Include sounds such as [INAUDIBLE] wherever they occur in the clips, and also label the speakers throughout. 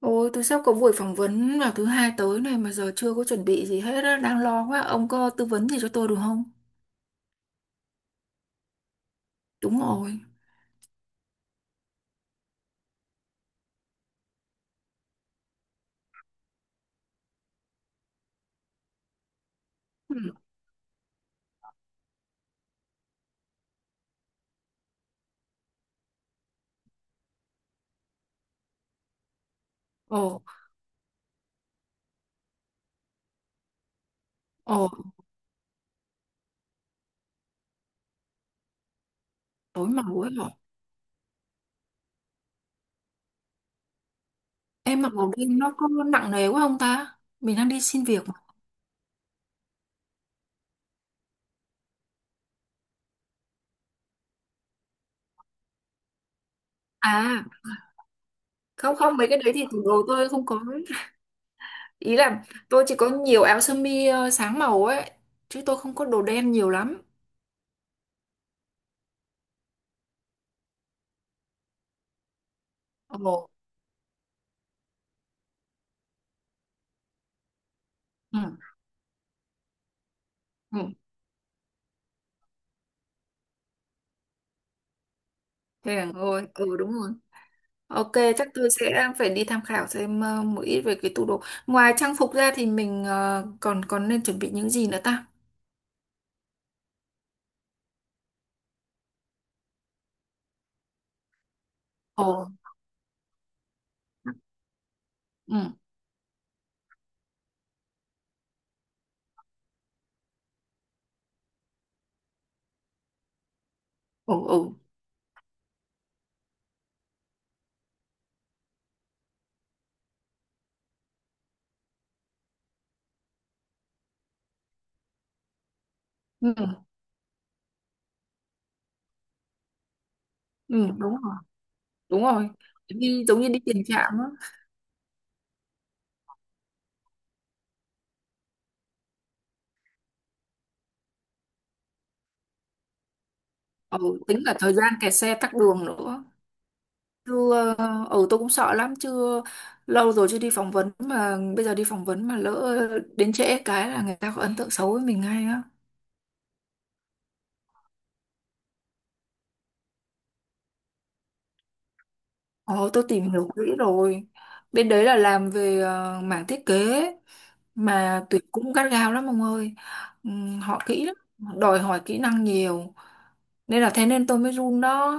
Speaker 1: Ôi, tôi sắp có buổi phỏng vấn vào thứ hai tới này mà giờ chưa có chuẩn bị gì hết á, đang lo quá. Ông có tư vấn gì cho tôi được không? Đúng rồi. Ừ. Ồ, ồ, tối màu ấy rồi. Em mặc màu đen nó có nặng nề quá không ta? Mình đang đi xin việc mà. À, không không, mấy cái đấy thì tủ đồ tôi không có ấy. Ý là tôi chỉ có nhiều áo sơ mi sáng màu ấy, chứ tôi không có đồ đen nhiều lắm. Ồ, ừ, ừ. Thế à, ôi, ừ đúng rồi. Ok, chắc tôi sẽ phải đi tham khảo xem một ít về cái tủ đồ. Ngoài trang phục ra thì mình ờ, còn còn nên chuẩn bị những gì nữa ta? Ồ, ừ, ồ, ừ, ừ, ừ, đúng rồi, đúng rồi. Đi giống như đi tiền trạm á. Ồ, tính cả thời gian kẹt xe tắc đường nữa. Chưa, ừ, tôi cũng sợ lắm, chưa lâu rồi chưa đi phỏng vấn mà bây giờ đi phỏng vấn mà lỡ đến trễ cái là người ta có ấn tượng xấu với mình ngay á. Ồ, tôi tìm hiểu kỹ rồi. Bên đấy là làm về mảng thiết kế mà tuyển cũng gắt gao lắm ông ơi. Họ kỹ lắm, họ đòi hỏi kỹ năng nhiều nên là thế nên tôi mới run đó.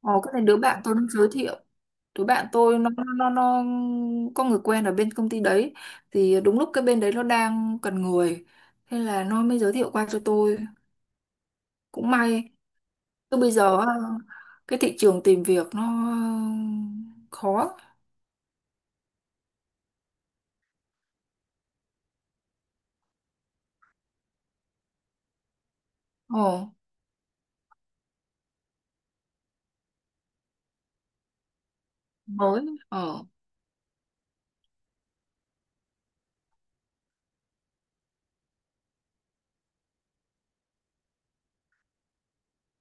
Speaker 1: Ồ, cái này đứa bạn tôi nó giới thiệu. Đứa bạn tôi nó có người quen ở bên công ty đấy, thì đúng lúc cái bên đấy nó đang cần người, thế là nó mới giới thiệu qua cho tôi. Cũng may, chứ bây giờ á, cái thị trường tìm việc nó khó. Ồ. Mới. Ờ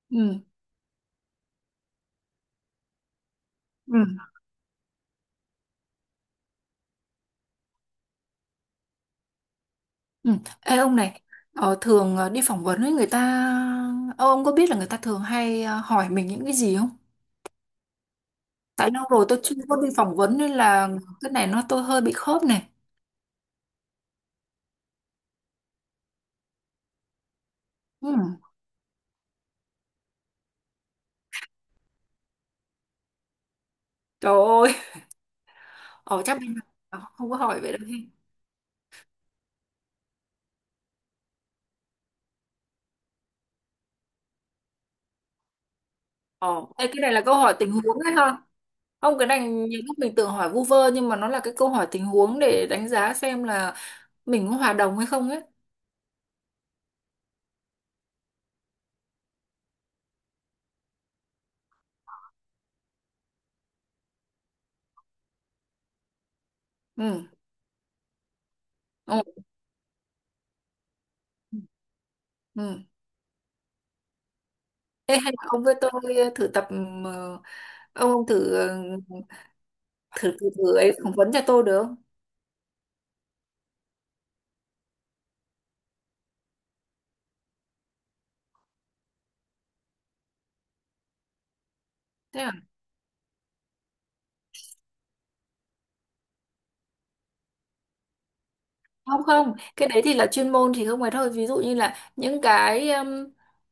Speaker 1: ừ. Ừ. Ừ. Ê ông này, thường đi phỏng vấn với người ta, ờ, ông có biết là người ta thường hay hỏi mình những cái gì không? Tại lâu rồi tôi chưa có đi phỏng vấn nên là cái này nó tôi hơi bị khớp này. Ừ. Trời ơi, ở chắc mình không có hỏi vậy đâu he. Ờ, ê, cái này là câu hỏi tình huống đấy ha. Không, cái này nhiều lúc mình tưởng hỏi vu vơ nhưng mà nó là cái câu hỏi tình huống để đánh giá xem là mình có hòa đồng hay không ấy. Ừ. Ừ. Ừ. Ê, hay là ông với tôi thử tập, ông thử, ờ, thử ấy phỏng vấn cho tôi được không? Thế là không không cái đấy thì là chuyên môn thì không phải thôi, ví dụ như là những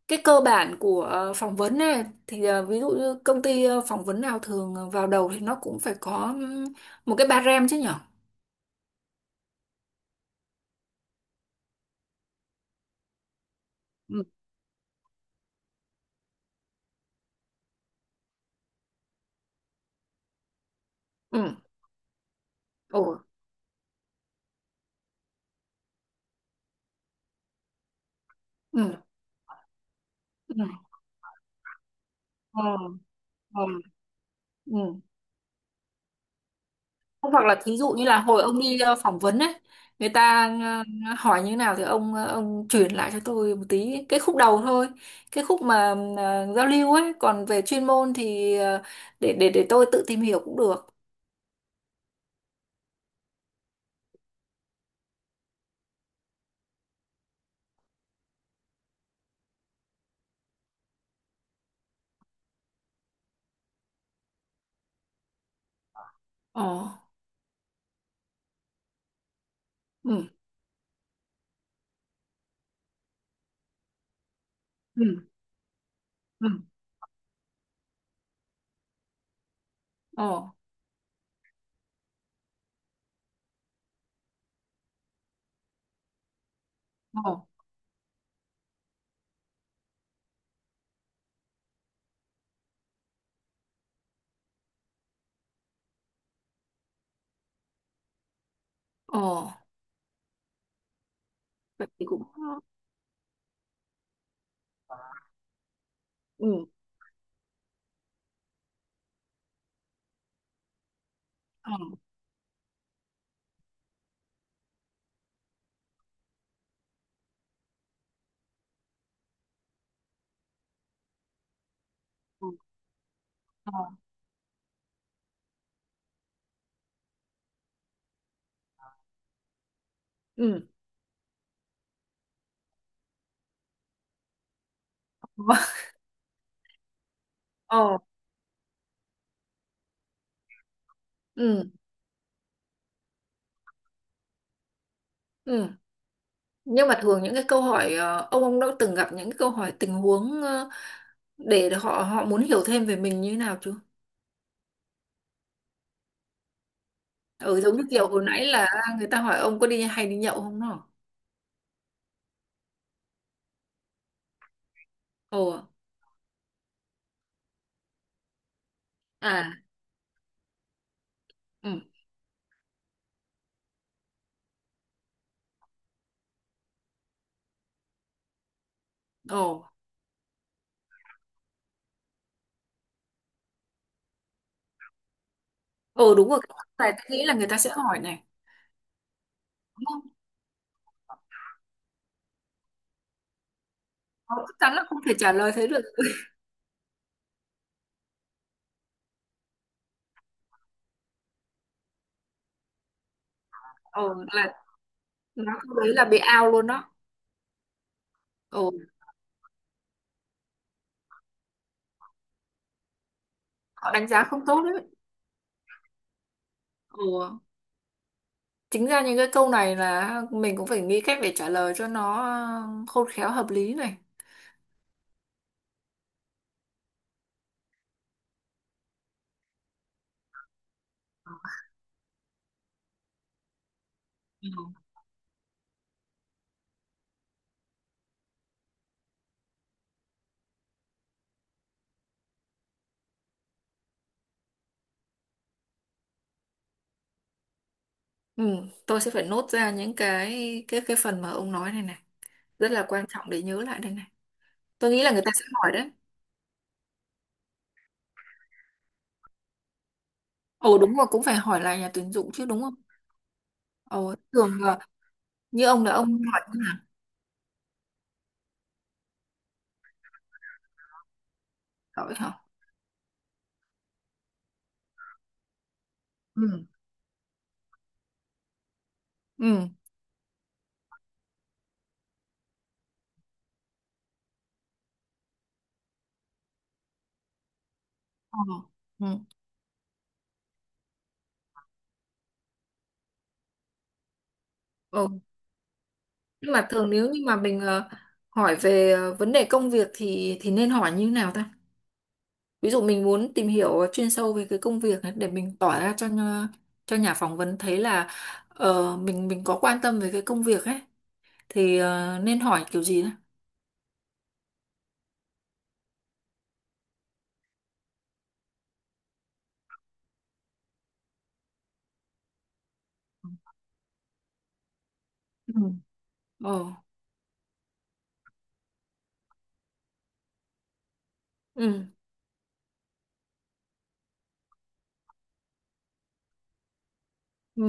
Speaker 1: cái cơ bản của phỏng vấn này thì, ví dụ như công ty phỏng vấn nào thường vào đầu thì nó cũng phải có một cái ba rem chứ nhở. Ừ. Ừ. Ồ. Ừ. Ừ. Ừ. Ừ. Ừ. Hoặc là thí dụ như là hồi ông đi phỏng vấn ấy, người ta hỏi như thế nào thì ông chuyển lại cho tôi một tí cái khúc đầu thôi, cái khúc mà giao lưu ấy, còn về chuyên môn thì để tôi tự tìm hiểu cũng được. Ồ. Ừ. Ừ. Ừ. Ồ. Ồ. Ồ. Vậy thì cũng, ừ. Ồ. Ồ. Ồ. Ừ. [LAUGHS] Ồ. Ừ. Ừ. Nhưng mà thường những cái câu hỏi, ông đã từng gặp những cái câu hỏi tình huống, để họ họ muốn hiểu thêm về mình như thế nào chưa? Ừ, giống như kiểu hồi nãy là người ta hỏi ông có đi hay đi nhậu không đó. Ồ. À. Ừ. Ồ. Ồ, đúng rồi, tại tôi nghĩ là người ta sẽ hỏi này, đúng không? Nó chắc chắn là không thể trả lời thế được. Ồ là, nó câu đấy là bị out luôn đó. Ồ, họ đánh giá không tốt đấy. Ồ, chính ra những cái câu này là mình cũng phải nghĩ cách để trả lời cho nó khôn khéo hợp lý này. Ừ. Ừ, tôi sẽ phải nốt ra những cái phần mà ông nói này này, rất là quan trọng để nhớ lại đây này. Tôi nghĩ là người ta sẽ hỏi đấy. Ồ, đúng rồi, cũng phải hỏi lại nhà tuyển dụng chứ đúng không? Ồ, thường là như ông là ông hỏi như nào? Hỏi hả? Ừ. Ừ. ờ, ừ. Ồ. Nhưng mà thường nếu như mà mình hỏi về vấn đề công việc thì nên hỏi như nào ta? Ví dụ mình muốn tìm hiểu chuyên sâu về cái công việc ấy để mình tỏ ra cho cho nhà phỏng vấn thấy là mình có quan tâm về cái công việc ấy, thì nên hỏi kiểu gì đấy. Ừ. ờ ừ. Ừ.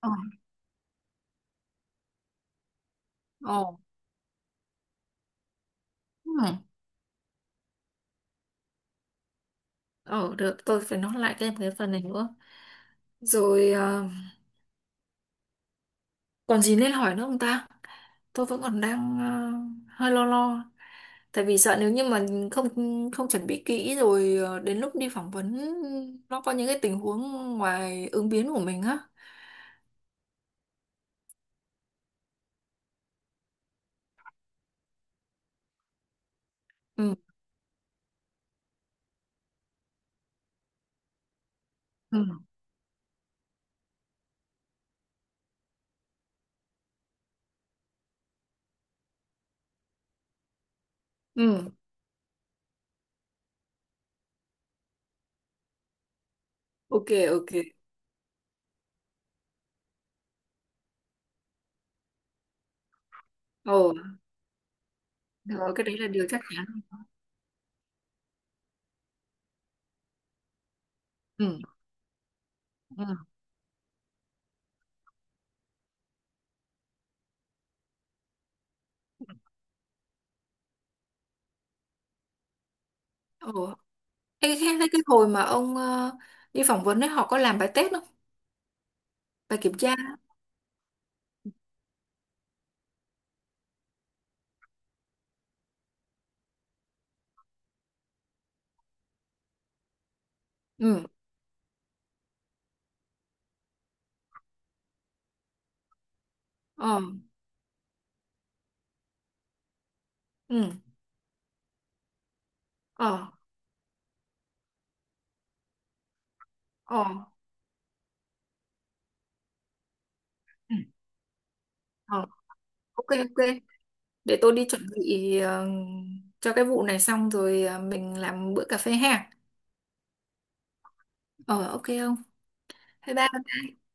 Speaker 1: Ờ. Ồ. Ừ. ờ Được, tôi phải nói lại thêm cái phần này nữa. Rồi còn gì nên hỏi nữa không ta? Tôi vẫn còn đang hơi lo lo, tại vì sợ nếu như mà không không chuẩn bị kỹ rồi, đến lúc đi phỏng vấn nó có những cái tình huống ngoài ứng biến của mình á. Ừ. Ừ. Ừ. Ok, ok. Ồ. Đó, cái đấy là điều chắc chắn. Ừ. Ừ. Ồ. Ê, cái hồi mà ông đi phỏng vấn ấy, họ có làm bài test không? Bài kiểm tra. Ừ. Ờ. Ừ. Ờ. Ờ. Ừ. Ờ. Ok, ok. Để tôi đi chuẩn bị cho cái vụ này xong rồi mình làm bữa cà phê ha. Ờ, ok không? Bye bye.